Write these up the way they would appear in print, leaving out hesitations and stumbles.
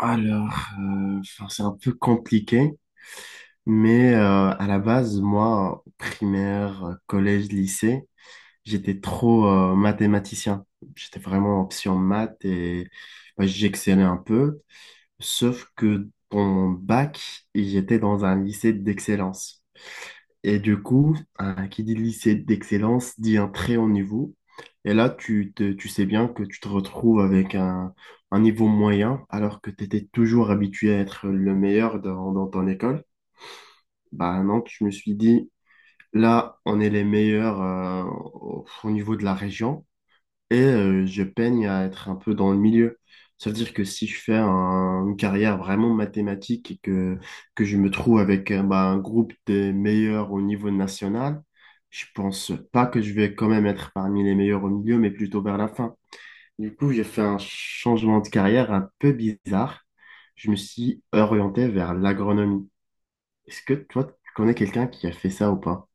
Alors, enfin, c'est un peu compliqué, mais à la base, moi, primaire, collège, lycée, j'étais trop mathématicien. J'étais vraiment option maths et bah, j'excellais un peu. Sauf que dans mon bac, j'étais dans un lycée d'excellence. Et du coup, qui dit lycée d'excellence dit un très haut niveau. Et là, tu sais bien que tu te retrouves avec un niveau moyen, alors que tu étais toujours habitué à être le meilleur dans ton école. Bah non, je me suis dit, là, on est les meilleurs au niveau de la région et je peigne à être un peu dans le milieu. Ça veut dire que si je fais une carrière vraiment mathématique et que je me trouve avec bah, un groupe des meilleurs au niveau national, je pense pas que je vais quand même être parmi les meilleurs au milieu, mais plutôt vers la fin. Du coup, j'ai fait un changement de carrière un peu bizarre. Je me suis orienté vers l'agronomie. Est-ce que toi, tu connais quelqu'un qui a fait ça ou pas?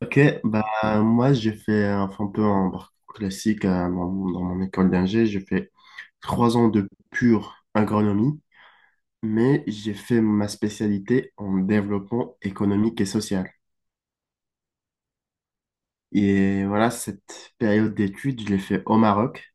Ok, bah moi j'ai fait un peu un parcours classique dans mon école d'ingé. J'ai fait 3 ans de pure agronomie, mais j'ai fait ma spécialité en développement économique et social. Et voilà, cette période d'études, je l'ai fait au Maroc.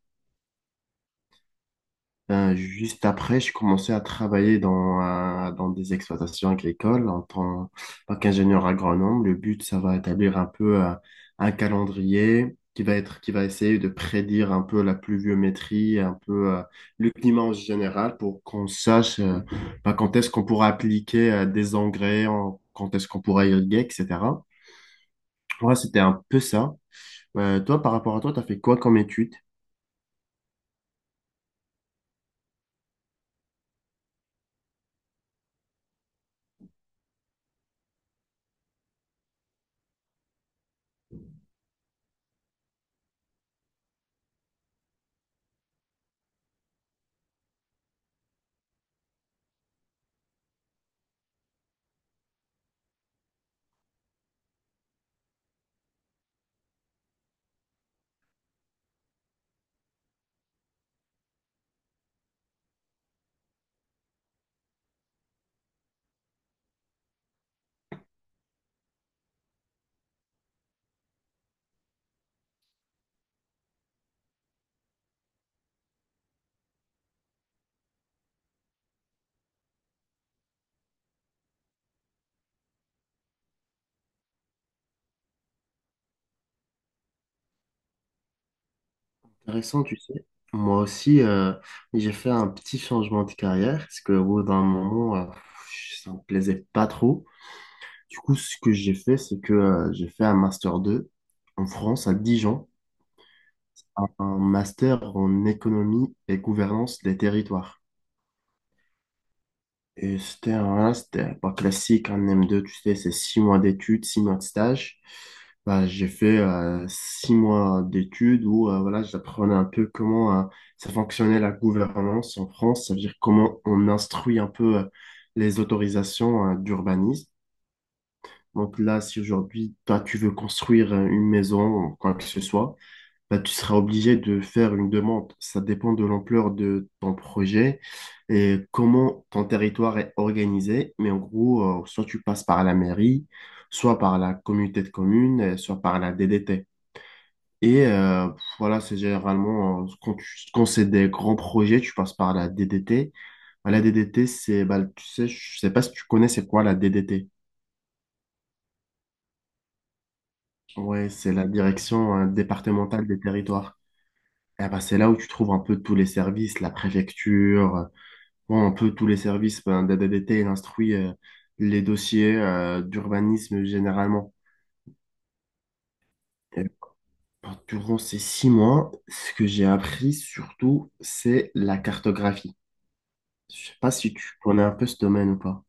Juste après, je commençais à travailler dans des exploitations agricoles en tant qu'ingénieur agronome. Le but, ça va établir un peu un calendrier qui va être, qui va essayer de prédire un peu la pluviométrie, un peu le climat en général pour qu'on sache bah, quand est-ce qu'on pourra appliquer des engrais, quand est-ce qu'on pourra irriguer, etc. Ouais, c'était un peu ça. Toi, par rapport à toi, tu as fait quoi comme étude? Intéressant, tu sais. Moi aussi, j'ai fait un petit changement de carrière parce que au bout d'un moment, ça me plaisait pas trop. Du coup, ce que j'ai fait, c'est que j'ai fait un master 2 en France, à Dijon, un master en économie et gouvernance des territoires. Et c'était voilà, c'était pas classique, un M2, tu sais, c'est 6 mois d'études, 6 mois de stage. Bah, j'ai fait 6 mois d'études où voilà, j'apprenais un peu comment ça fonctionnait la gouvernance en France, ça veut dire comment on instruit un peu les autorisations d'urbanisme. Donc là, si aujourd'hui, toi, tu veux construire une maison ou quoi que ce soit, bah, tu seras obligé de faire une demande. Ça dépend de l'ampleur de ton projet et comment ton territoire est organisé. Mais en gros, soit tu passes par la mairie, soit par la communauté de communes, et soit par la DDT. Et voilà, c'est généralement, quand c'est des grands projets, tu passes par la DDT. Bah, la DDT, c'est, bah, tu sais, je sais pas si tu connais, c'est quoi la DDT? Ouais, c'est la direction départementale des territoires. Eh ben, c'est là où tu trouves un peu tous les services, la préfecture. Un peu tous les services, ben, DADDT, il instruit les dossiers d'urbanisme généralement. Et ben, durant ces 6 mois, ce que j'ai appris surtout, c'est la cartographie. Je sais pas si tu connais un peu ce domaine ou pas.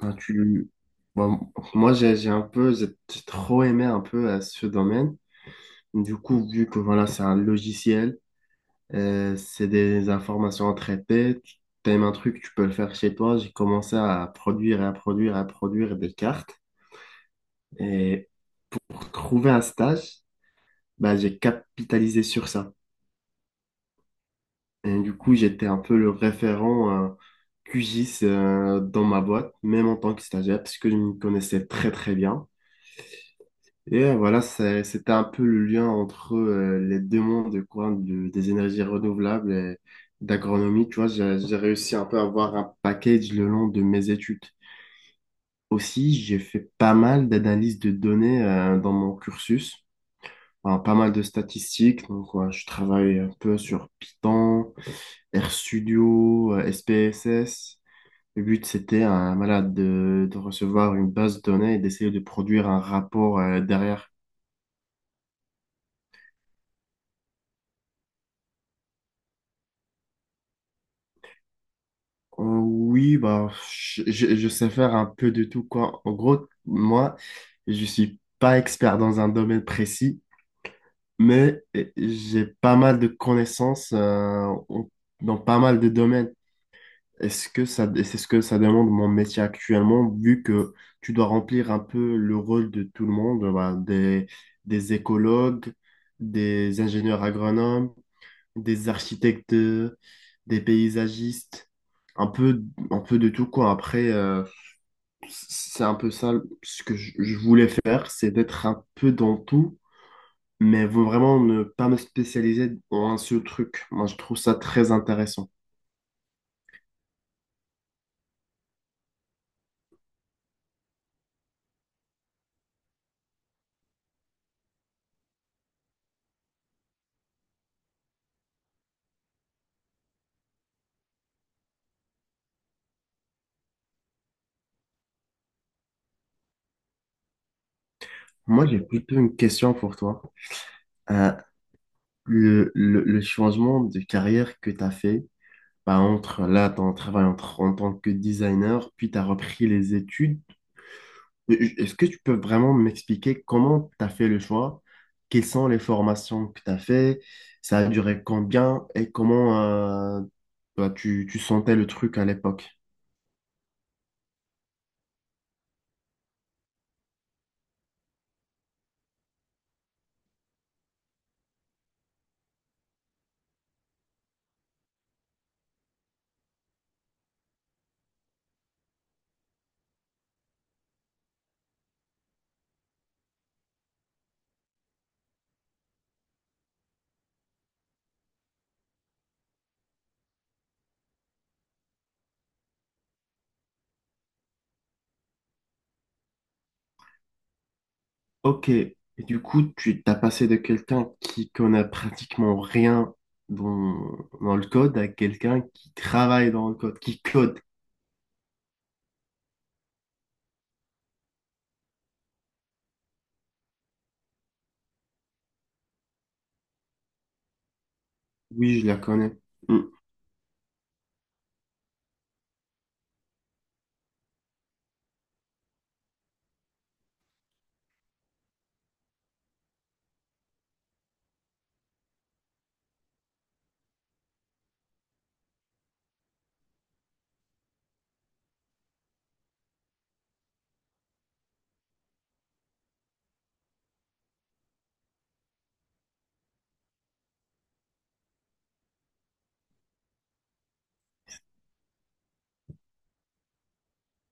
Ben, bon, moi, j'ai trop aimé un peu ce domaine. Du coup, vu que voilà, c'est un logiciel, c'est des informations à traiter, tu aimes un truc, tu peux le faire chez toi. J'ai commencé à produire et à produire et à produire des cartes. Et pour trouver un stage, bah, j'ai capitalisé sur ça. Et du coup, j'étais un peu le référent QGIS dans ma boîte, même en tant que stagiaire, parce que je me connaissais très très bien. Et voilà, c'était un peu le lien entre les deux mondes, quoi, des énergies renouvelables et d'agronomie. Tu vois, j'ai réussi un peu à avoir un package le long de mes études. Aussi, j'ai fait pas mal d'analyses de données dans mon cursus. Alors, pas mal de statistiques. Donc, ouais, je travaille un peu sur Python, RStudio, SPSS. Le but, c'était un malade de recevoir une base de données et d'essayer de produire un rapport derrière. Oui, bah, je sais faire un peu de tout, quoi. En gros, moi, je suis pas expert dans un domaine précis, mais j'ai pas mal de connaissances dans pas mal de domaines. Est-ce que ça, et c'est ce que ça demande mon métier actuellement, vu que tu dois remplir un peu le rôle de tout le monde, voilà, des écologues, des ingénieurs agronomes, des architectes, des paysagistes, un peu, un peu, de tout, quoi. Après, c'est un peu ça ce que je voulais faire, c'est d'être un peu dans tout, mais vraiment ne pas me spécialiser dans un seul truc. Moi, je trouve ça très intéressant. Moi, j'ai plutôt une question pour toi. Euh, le changement de carrière que tu as fait, bah, entre là, ton travail entre, en tant que designer, puis tu as repris les études. Est-ce que tu peux vraiment m'expliquer comment tu as fait le choix? Quelles sont les formations que tu as fait? Ça a duré combien? Et comment euh, bah, tu sentais le truc à l'époque? Ok, et du coup, tu t'as passé de quelqu'un qui connaît pratiquement rien dans, dans le code à quelqu'un qui travaille dans le code, qui code. Oui, je la connais. Mm.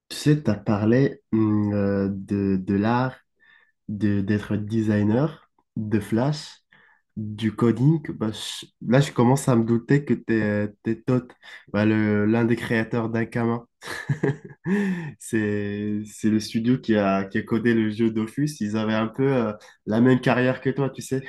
Tu sais, t'as parlé de l'art d'être designer, de Flash, du coding. Bah, là, je commence à me douter que t'es Toth, bah, l'un des créateurs d'Akama. C'est le studio qui a codé le jeu Dofus. Ils avaient un peu la même carrière que toi, tu sais.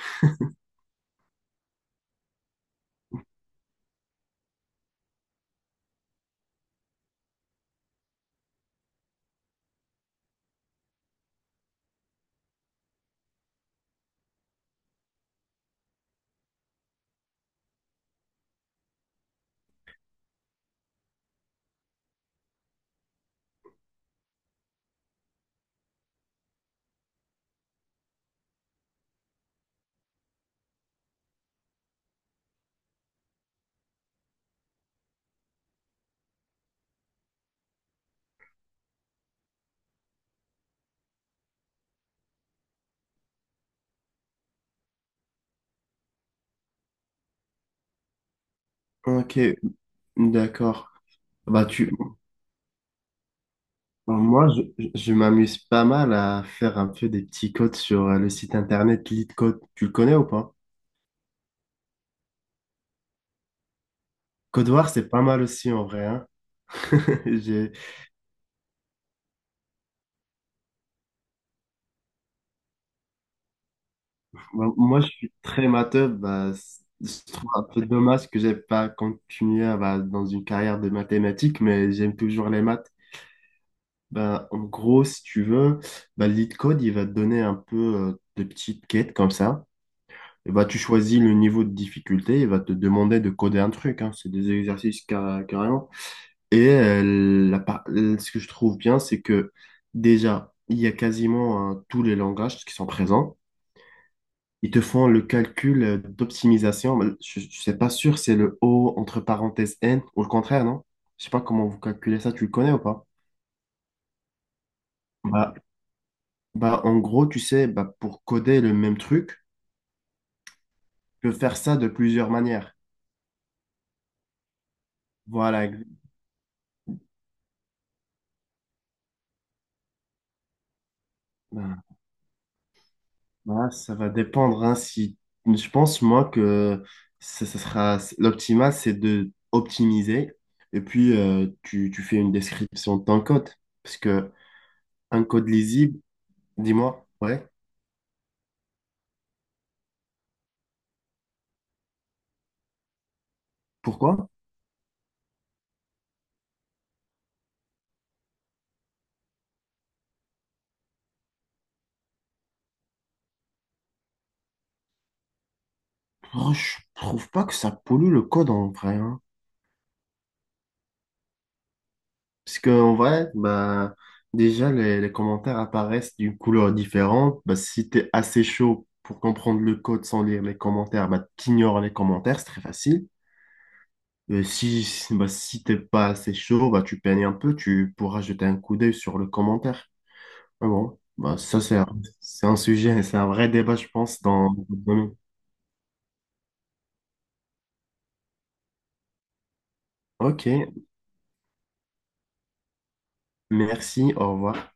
Ok, d'accord. Bah tu, bah, moi je m'amuse pas mal à faire un peu des petits codes sur le site internet LeetCode. Tu le connais ou pas? Code War, c'est pas mal aussi en vrai, hein. J'ai. Bon, moi, je suis très matheux. Bah, je trouve un peu dommage que j'ai pas continué bah, dans une carrière de mathématiques, mais j'aime toujours les maths. Bah, en gros, si tu veux, bah, LeetCode, il va te donner un peu de petites quêtes comme ça. Et bah, tu choisis le niveau de difficulté, il va te demander de coder un truc, hein. C'est des exercices carrément. Et ce que je trouve bien, c'est que déjà, il y a quasiment tous les langages qui sont présents. Ils te font le calcul d'optimisation. Bah, je ne sais pas sûr, c'est le O entre parenthèses N ou le contraire, non? Je sais pas comment vous calculez ça, tu le connais ou pas? Bah, en gros, tu sais, bah, pour coder le même truc, tu peux faire ça de plusieurs manières. Voilà, bah, ça va dépendre, hein. Si... je pense, moi, que ça sera... l'optimal, c'est de optimiser et puis tu fais une description de ton code. Parce que un code lisible, dis-moi, ouais, pourquoi? Oh, je trouve pas que ça pollue le code en vrai, hein. Parce que en vrai, bah déjà les commentaires apparaissent d'une couleur différente. Bah, si t'es assez chaud pour comprendre le code sans lire les commentaires, bah t'ignores les commentaires, c'est très facile. Et bah si t'es pas assez chaud, bah tu peignes un peu, tu pourras jeter un coup d'œil sur le commentaire. Mais bon, bah ça c'est un, sujet, c'est un vrai débat, je pense, dans le domaine. Ok, merci, au revoir.